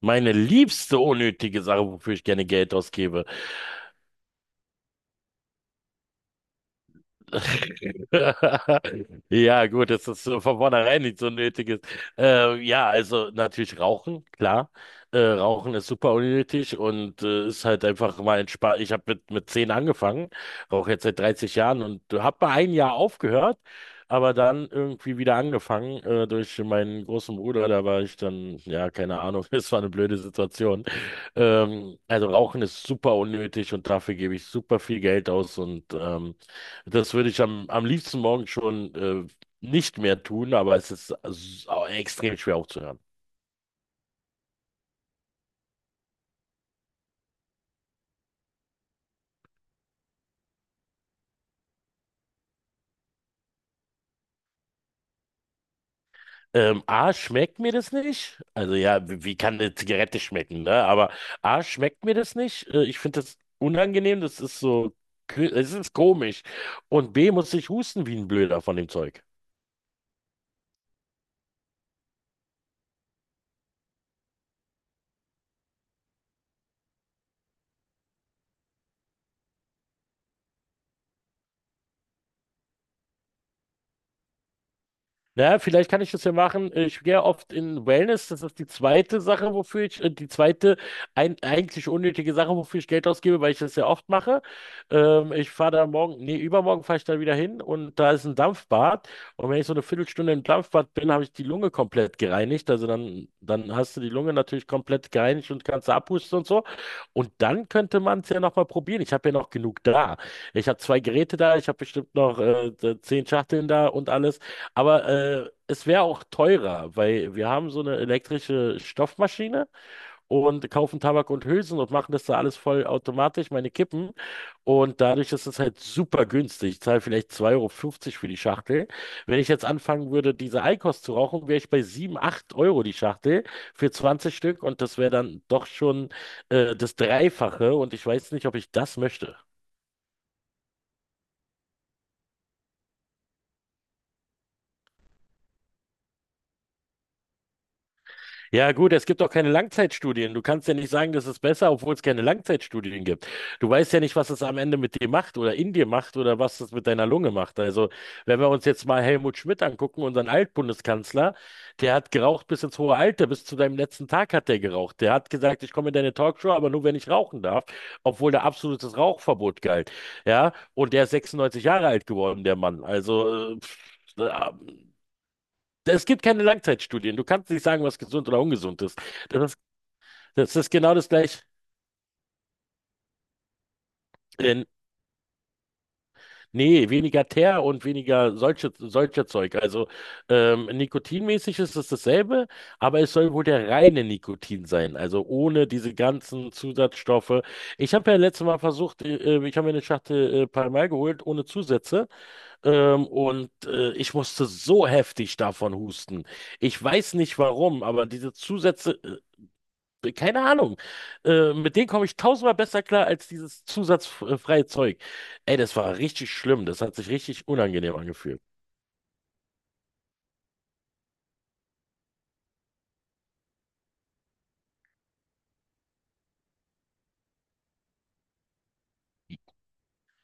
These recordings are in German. Meine liebste unnötige Sache, wofür ich gerne Geld ausgebe. Ja, gut, dass das von vornherein nicht so nötig ist. Ja, also natürlich Rauchen, klar. Rauchen ist super unnötig und ist halt einfach mal entspannt. Ich habe mit 10 angefangen, rauche jetzt seit 30 Jahren und habe mal ein Jahr aufgehört, aber dann irgendwie wieder angefangen durch meinen großen Bruder. Da war ich dann, ja, keine Ahnung, es war eine blöde Situation. Also Rauchen ist super unnötig und dafür gebe ich super viel Geld aus und das würde ich am liebsten morgen schon nicht mehr tun, aber es ist extrem schwer aufzuhören. A, schmeckt mir das nicht? Also ja, wie kann eine Zigarette schmecken, ne? Aber A, schmeckt mir das nicht? Ich finde das unangenehm, das ist so, es ist komisch. Und B, muss ich husten wie ein Blöder von dem Zeug. Naja, vielleicht kann ich das ja machen. Ich gehe oft in Wellness. Das ist die zweite Sache, wofür ich, die zweite eigentlich unnötige Sache, wofür ich Geld ausgebe, weil ich das ja oft mache. Ich fahre da morgen, nee, übermorgen fahre ich da wieder hin und da ist ein Dampfbad. Und wenn ich so eine Viertelstunde im Dampfbad bin, habe ich die Lunge komplett gereinigt. Also dann hast du die Lunge natürlich komplett gereinigt und kannst abpusten und so. Und dann könnte man es ja nochmal probieren. Ich habe ja noch genug da. Ich habe zwei Geräte da, ich habe bestimmt noch 10 Schachteln da und alles. Aber es wäre auch teurer, weil wir haben so eine elektrische Stoffmaschine und kaufen Tabak und Hülsen und machen das da alles voll automatisch, meine Kippen. Und dadurch ist es halt super günstig. Ich zahle vielleicht 2,50 € für die Schachtel. Wenn ich jetzt anfangen würde, diese Eikost zu rauchen, wäre ich bei 7, 8 € die Schachtel für 20 Stück. Und das wäre dann doch schon das Dreifache. Und ich weiß nicht, ob ich das möchte. Ja, gut, es gibt auch keine Langzeitstudien. Du kannst ja nicht sagen, das ist besser, obwohl es keine Langzeitstudien gibt. Du weißt ja nicht, was es am Ende mit dir macht oder in dir macht oder was es mit deiner Lunge macht. Also, wenn wir uns jetzt mal Helmut Schmidt angucken, unseren Altbundeskanzler, der hat geraucht bis ins hohe Alter, bis zu deinem letzten Tag hat der geraucht. Der hat gesagt, ich komme in deine Talkshow, aber nur wenn ich rauchen darf, obwohl da absolutes Rauchverbot galt. Ja, und der ist 96 Jahre alt geworden, der Mann. Also, pff, es gibt keine Langzeitstudien. Du kannst nicht sagen, was gesund oder ungesund ist. Das ist, das ist genau das gleiche. Äh, Nee, weniger Teer und weniger solche Zeug. Also nikotinmäßig ist es dasselbe, aber es soll wohl der reine Nikotin sein, also ohne diese ganzen Zusatzstoffe. Ich habe ja letztes Mal versucht, ich habe mir eine Schachtel Pall Mall geholt ohne Zusätze und ich musste so heftig davon husten. Ich weiß nicht warum, aber diese Zusätze keine Ahnung. Mit denen komme ich tausendmal besser klar als dieses zusatzfreie Zeug. Ey, das war richtig schlimm. Das hat sich richtig unangenehm angefühlt.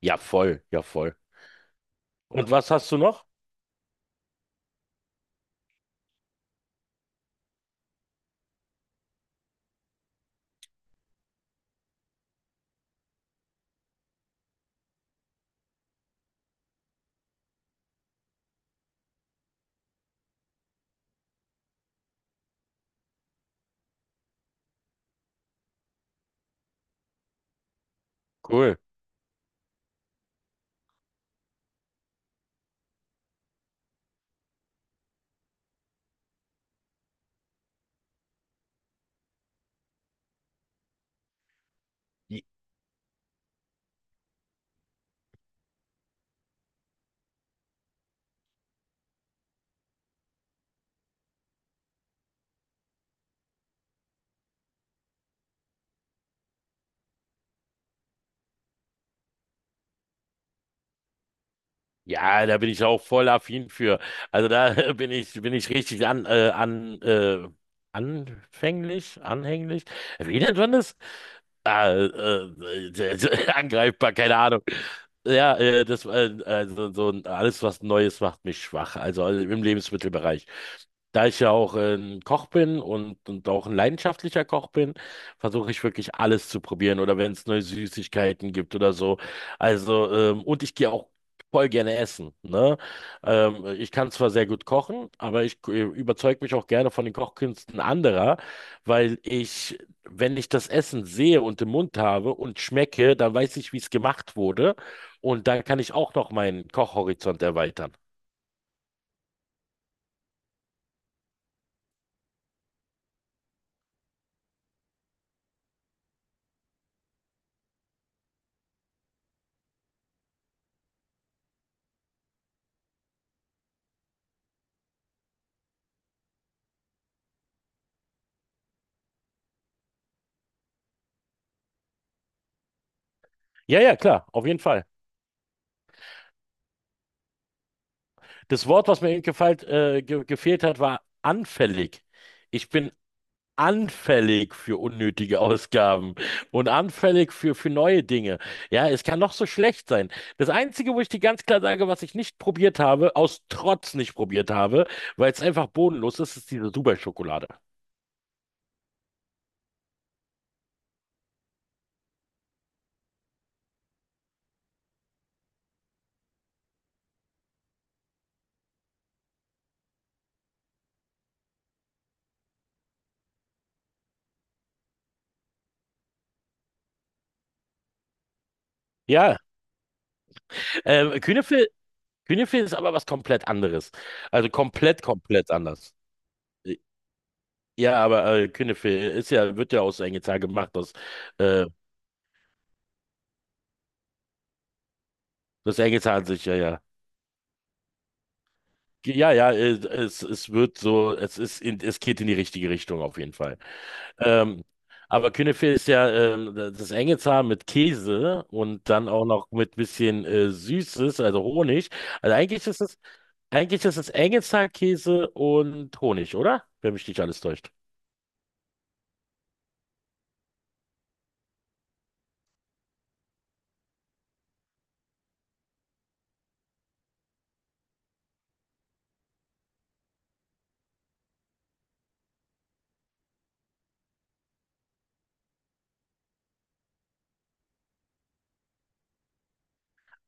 Ja, voll, ja, voll. Und was hast du noch? Cool. Ja, da bin ich auch voll affin für. Also da bin ich richtig anfänglich, anhänglich. Wie nennt man das? Ah, angreifbar, keine Ahnung. Ja, also so alles, was Neues macht mich schwach. Also im Lebensmittelbereich. Da ich ja auch ein Koch bin und auch ein leidenschaftlicher Koch bin, versuche ich wirklich alles zu probieren oder wenn es neue Süßigkeiten gibt oder so. Also, und ich gehe auch voll gerne essen. Ne? Ich kann zwar sehr gut kochen, aber ich überzeuge mich auch gerne von den Kochkünsten anderer, weil ich, wenn ich das Essen sehe und im Mund habe und schmecke, dann weiß ich, wie es gemacht wurde. Und dann kann ich auch noch meinen Kochhorizont erweitern. Ja, ja, klar, auf jeden Fall. Das Wort, was mir eben gefallen, ge gefehlt hat, war anfällig. Ich bin anfällig für unnötige Ausgaben und anfällig für neue Dinge. Ja, es kann noch so schlecht sein. Das Einzige, wo ich dir ganz klar sage, was ich nicht probiert habe, aus Trotz nicht probiert habe, weil es einfach bodenlos ist, ist diese Dubai-Schokolade. Ja, Künefe, Künefe ist aber was komplett anderes. Also komplett, komplett anders. Ja, aber Künefe ist ja, wird ja aus Engelzahn gemacht, aus, äh, das Engelzahn sich, ja, ja. Ja, ja, es wird so, es ist in, es geht in die richtige Richtung auf jeden Fall. Ähm, aber Küneffe ist ja das Engelshaar mit Käse und dann auch noch mit bisschen Süßes, also Honig. Also eigentlich ist es Engelshaar, Käse und Honig, oder? Wenn mich nicht alles täuscht.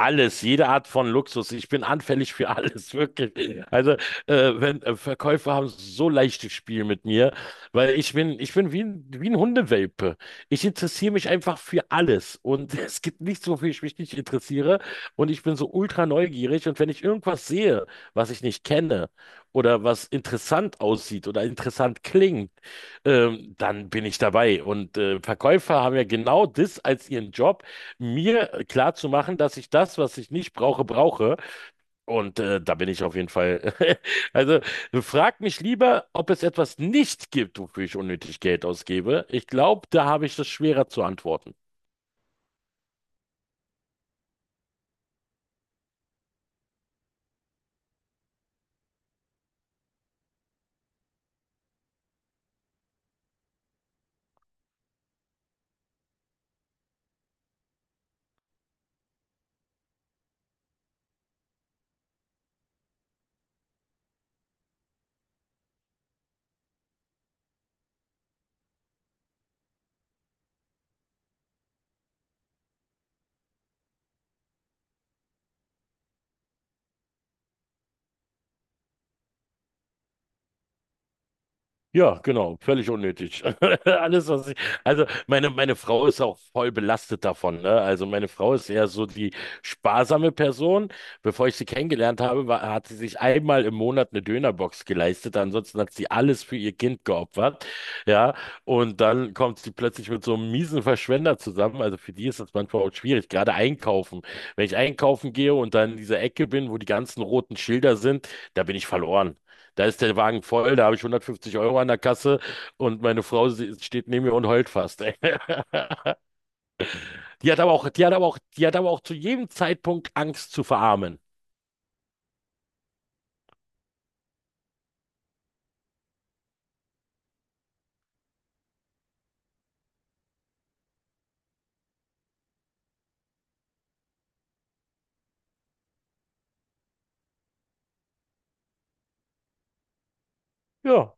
Alles, jede Art von Luxus. Ich bin anfällig für alles, wirklich. Also, wenn Verkäufer haben so leichtes Spiel mit mir, weil ich bin wie ein Hundewelpe. Ich interessiere mich einfach für alles. Und es gibt nichts, wofür ich mich nicht interessiere. Und ich bin so ultra neugierig. Und wenn ich irgendwas sehe, was ich nicht kenne oder was interessant aussieht oder interessant klingt, dann bin ich dabei. Und Verkäufer haben ja genau das als ihren Job mir klar zu machen, dass ich das, was ich nicht brauche, brauche. Und da bin ich auf jeden Fall. Also frag mich lieber, ob es etwas nicht gibt, wofür ich unnötig Geld ausgebe. Ich glaube, da habe ich das schwerer zu antworten. Ja, genau, völlig unnötig. Alles, also meine Frau ist auch voll belastet davon, ne? Also meine Frau ist eher so die sparsame Person. Bevor ich sie kennengelernt habe, hat sie sich einmal im Monat eine Dönerbox geleistet. Ansonsten hat sie alles für ihr Kind geopfert. Ja, und dann kommt sie plötzlich mit so einem miesen Verschwender zusammen. Also für die ist das manchmal auch schwierig, gerade einkaufen. Wenn ich einkaufen gehe und dann in dieser Ecke bin, wo die ganzen roten Schilder sind, da bin ich verloren. Da ist der Wagen voll, da habe ich 150 € an der Kasse und meine Frau steht neben mir und heult fast. Die hat aber auch zu jedem Zeitpunkt Angst zu verarmen. Ja.